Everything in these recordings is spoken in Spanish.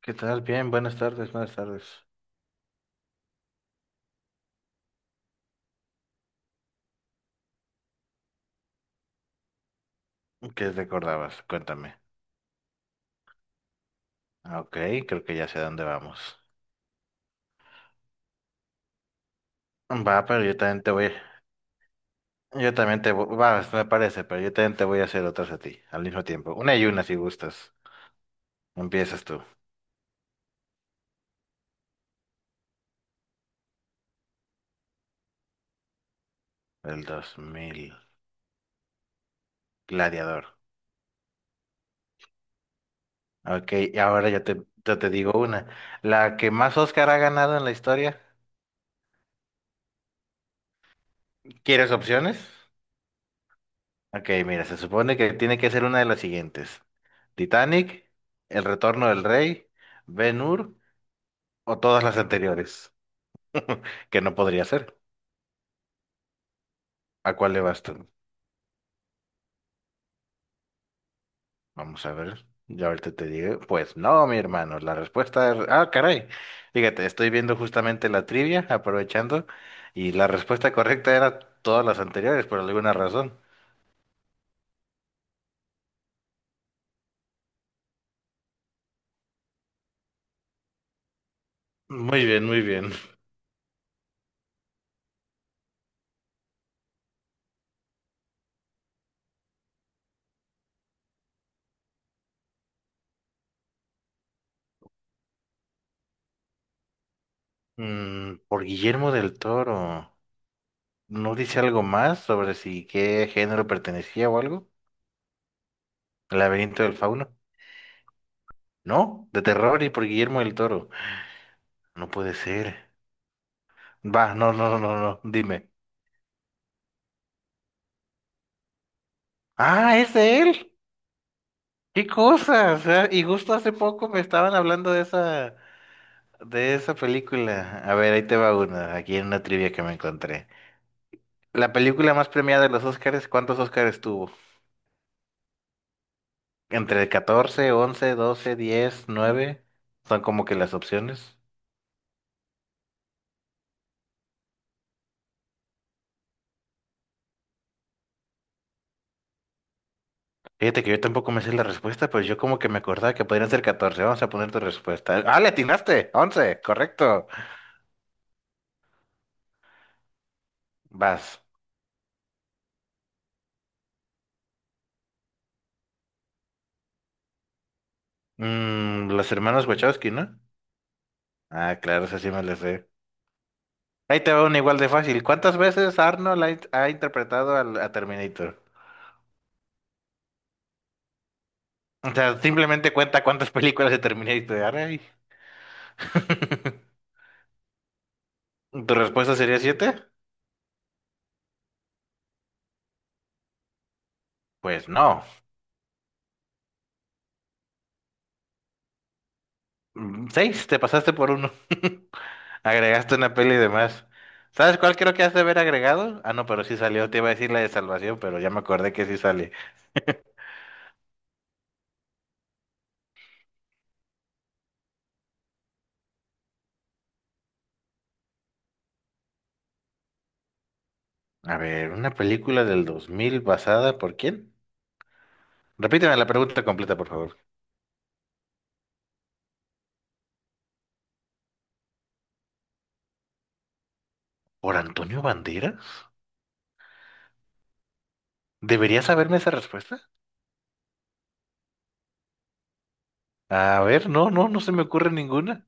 ¿Qué tal? Bien, buenas tardes, buenas tardes. ¿Qué recordabas? Cuéntame. Ah, Ok, creo que ya sé a dónde vamos. Va, pero yo también te voy. Yo también te voy. Va, me parece, pero yo también te voy a hacer otras a ti, al mismo tiempo. Una y una si gustas. Empiezas tú. El dos mil. Gladiador. Ok, y ahora yo te digo una. La que más Oscar ha ganado en la historia. ¿Quieres opciones? Ok, mira, se supone que tiene que ser una de las siguientes. Titanic, El Retorno del Rey, Ben-Hur, o todas las anteriores, que no podría ser. ¿A cuál le vas tú? Vamos a ver. Yo ahorita te digo. Pues no, mi hermano. La respuesta es... Ah, caray. Fíjate, estoy viendo justamente la trivia, aprovechando, y la respuesta correcta era todas las anteriores, por alguna razón. Muy bien, muy bien. Por Guillermo del Toro. ¿No dice algo más sobre si qué género pertenecía o algo? ¿El laberinto del fauno? No, de terror y por Guillermo del Toro. No puede ser. Va, no, no, no, no, no, dime. Ah, es de él. Qué cosa. O sea, y justo hace poco me estaban hablando de esa, película. A ver, ahí te va una, aquí en una trivia que me encontré. La película más premiada de los Oscars, ¿cuántos Oscars tuvo? Entre 14, 11, 12, 10, nueve. Son como que las opciones. Fíjate que yo tampoco me sé la respuesta, pero yo como que me acordaba que podrían ser 14. Vamos a poner tu respuesta. Ah, le atinaste. 11, correcto. Vas. Los hermanos Wachowski, ¿no? Ah, claro, eso sí me lo sé. Ahí te va una igual de fácil. ¿Cuántas veces Arnold ha interpretado a Terminator? O sea, simplemente cuenta cuántas películas de Terminator hay. ¿Tu respuesta sería siete? Pues no. Seis, te pasaste por uno. Agregaste una peli de más. ¿Sabes cuál creo que has de haber agregado? Ah, no, pero sí salió. Te iba a decir la de Salvación, pero ya me acordé que sí sale. A ver, ¿una película del 2000 basada por quién? Repíteme la pregunta completa, por favor. ¿Por Antonio Banderas? ¿Debería saberme esa respuesta? A ver, no, no, no se me ocurre ninguna.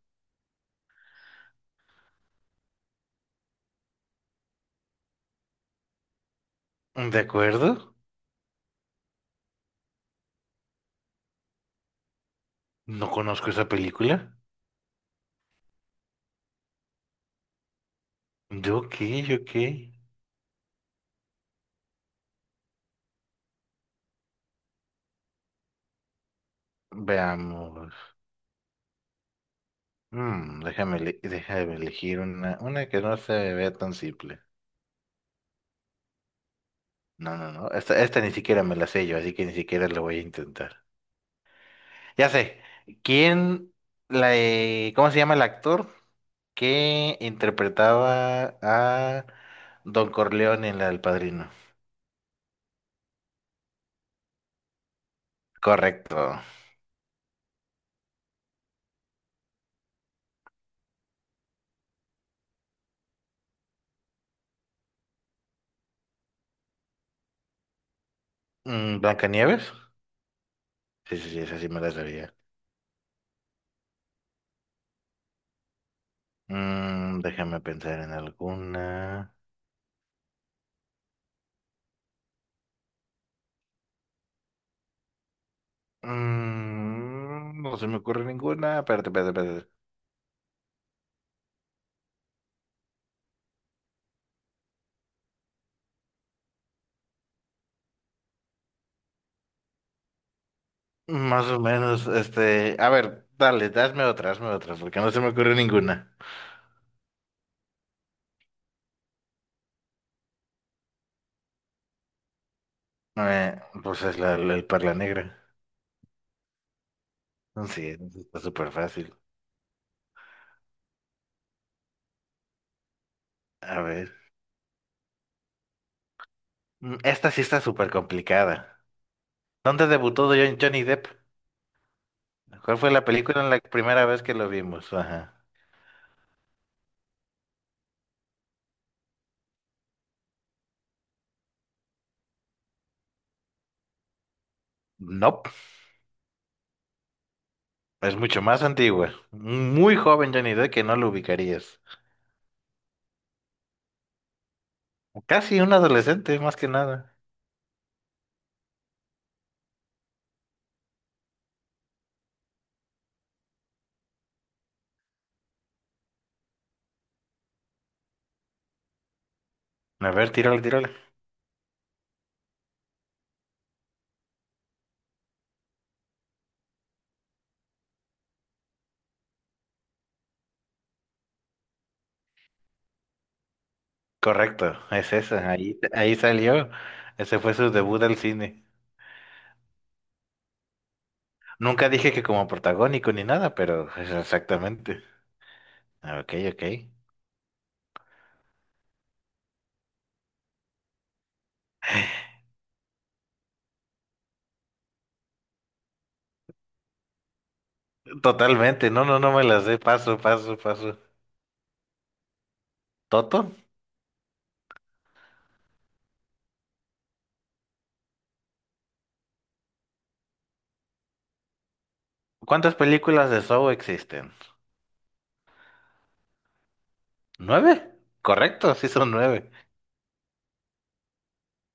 ¿De acuerdo? No conozco esa película. ¿De ok, ok? Veamos. Déjame elegir una que no se me vea tan simple. No, no, no. Esta ni siquiera me la sé yo, así que ni siquiera la voy a intentar. Ya sé. ¿Quién ¿cómo se llama el actor que interpretaba a Don Corleone en la del Padrino? Correcto. ¿Blancanieves? Sí, sí, sí, esa sí me la sabía. Déjame pensar en alguna. No se me ocurre ninguna. Espérate, espérate, espérate. Más o menos. A ver, dale, dame otra, hazme otra, porque no se me ocurre ninguna. Pues es el Perla Negra. Sí, está súper fácil. A ver. Esta sí está súper complicada. ¿Dónde debutó Johnny Depp? ¿Cuál fue la película en la primera vez que lo vimos? Ajá. No. Es mucho más antigua. Muy joven Johnny Depp que no lo ubicarías. Casi un adolescente, más que nada. A ver, tírale, tírale. Correcto, es esa. Ahí salió. Ese fue su debut al cine. Nunca dije que como protagónico ni nada, pero es exactamente. Ah, Ok, ok. Totalmente. No, no, no me las sé. Paso, paso, paso. ¿Toto? ¿Cuántas películas de Saw existen? ¿Nueve? Correcto, sí son nueve.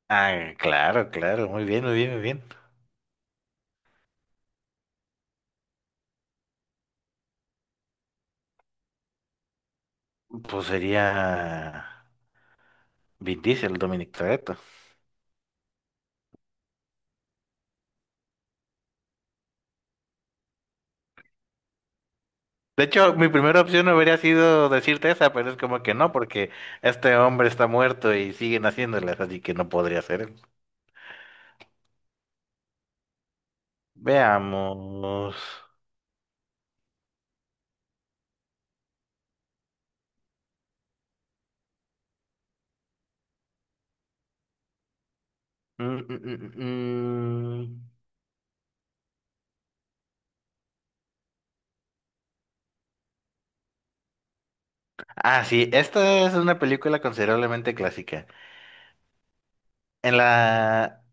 Ah, claro, claro. Muy bien, muy bien, muy bien. Pues sería... Vin Diesel, Dominic Toretto. De hecho, mi primera opción habría sido decirte esa, pero es como que no, porque este hombre está muerto y siguen haciéndolas, así que no podría ser él. Veamos. Mm, mm, mm, mm. mm. Ah, sí, esta es una película considerablemente clásica. En la,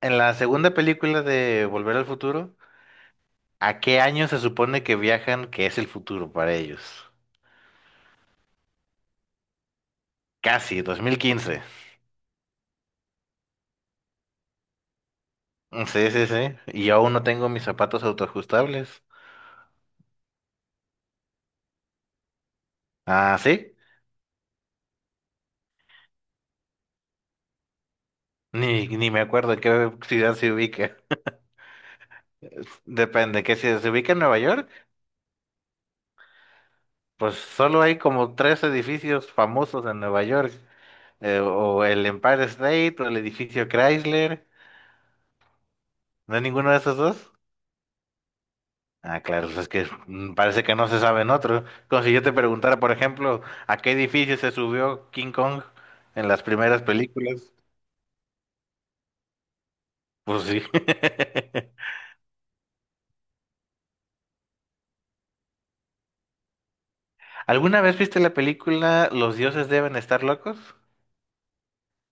en la segunda película de Volver al Futuro, ¿a qué año se supone que viajan que es el futuro para ellos? Casi, 2015. Sí, sí, sí. Y yo aún no tengo mis zapatos autoajustables. Ah, sí. Ni me acuerdo en qué ciudad se ubica. Depende, que si se ubica en Nueva York, pues solo hay como tres edificios famosos en Nueva York. O el Empire State o el edificio Chrysler. ¿No hay ninguno de esos dos? Ah, claro, pues es que parece que no se sabe en otro. Como si yo te preguntara, por ejemplo, ¿a qué edificio se subió King Kong en las primeras películas? Pues sí. ¿Alguna vez viste la película Los dioses deben estar locos?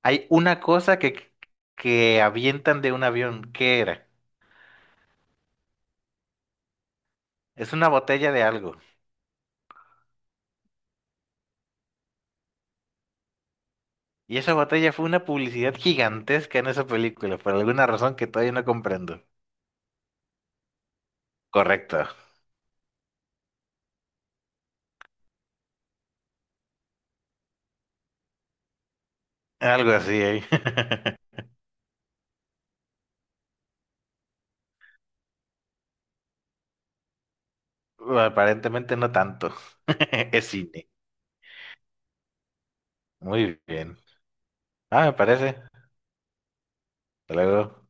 Hay una cosa que avientan de un avión. ¿Qué era? Es una botella de algo. Y esa botella fue una publicidad gigantesca en esa película, por alguna razón que todavía no comprendo. Correcto. Algo así, ¿eh? Aparentemente no tanto. Es cine. Muy bien. Ah, me parece. Hasta luego.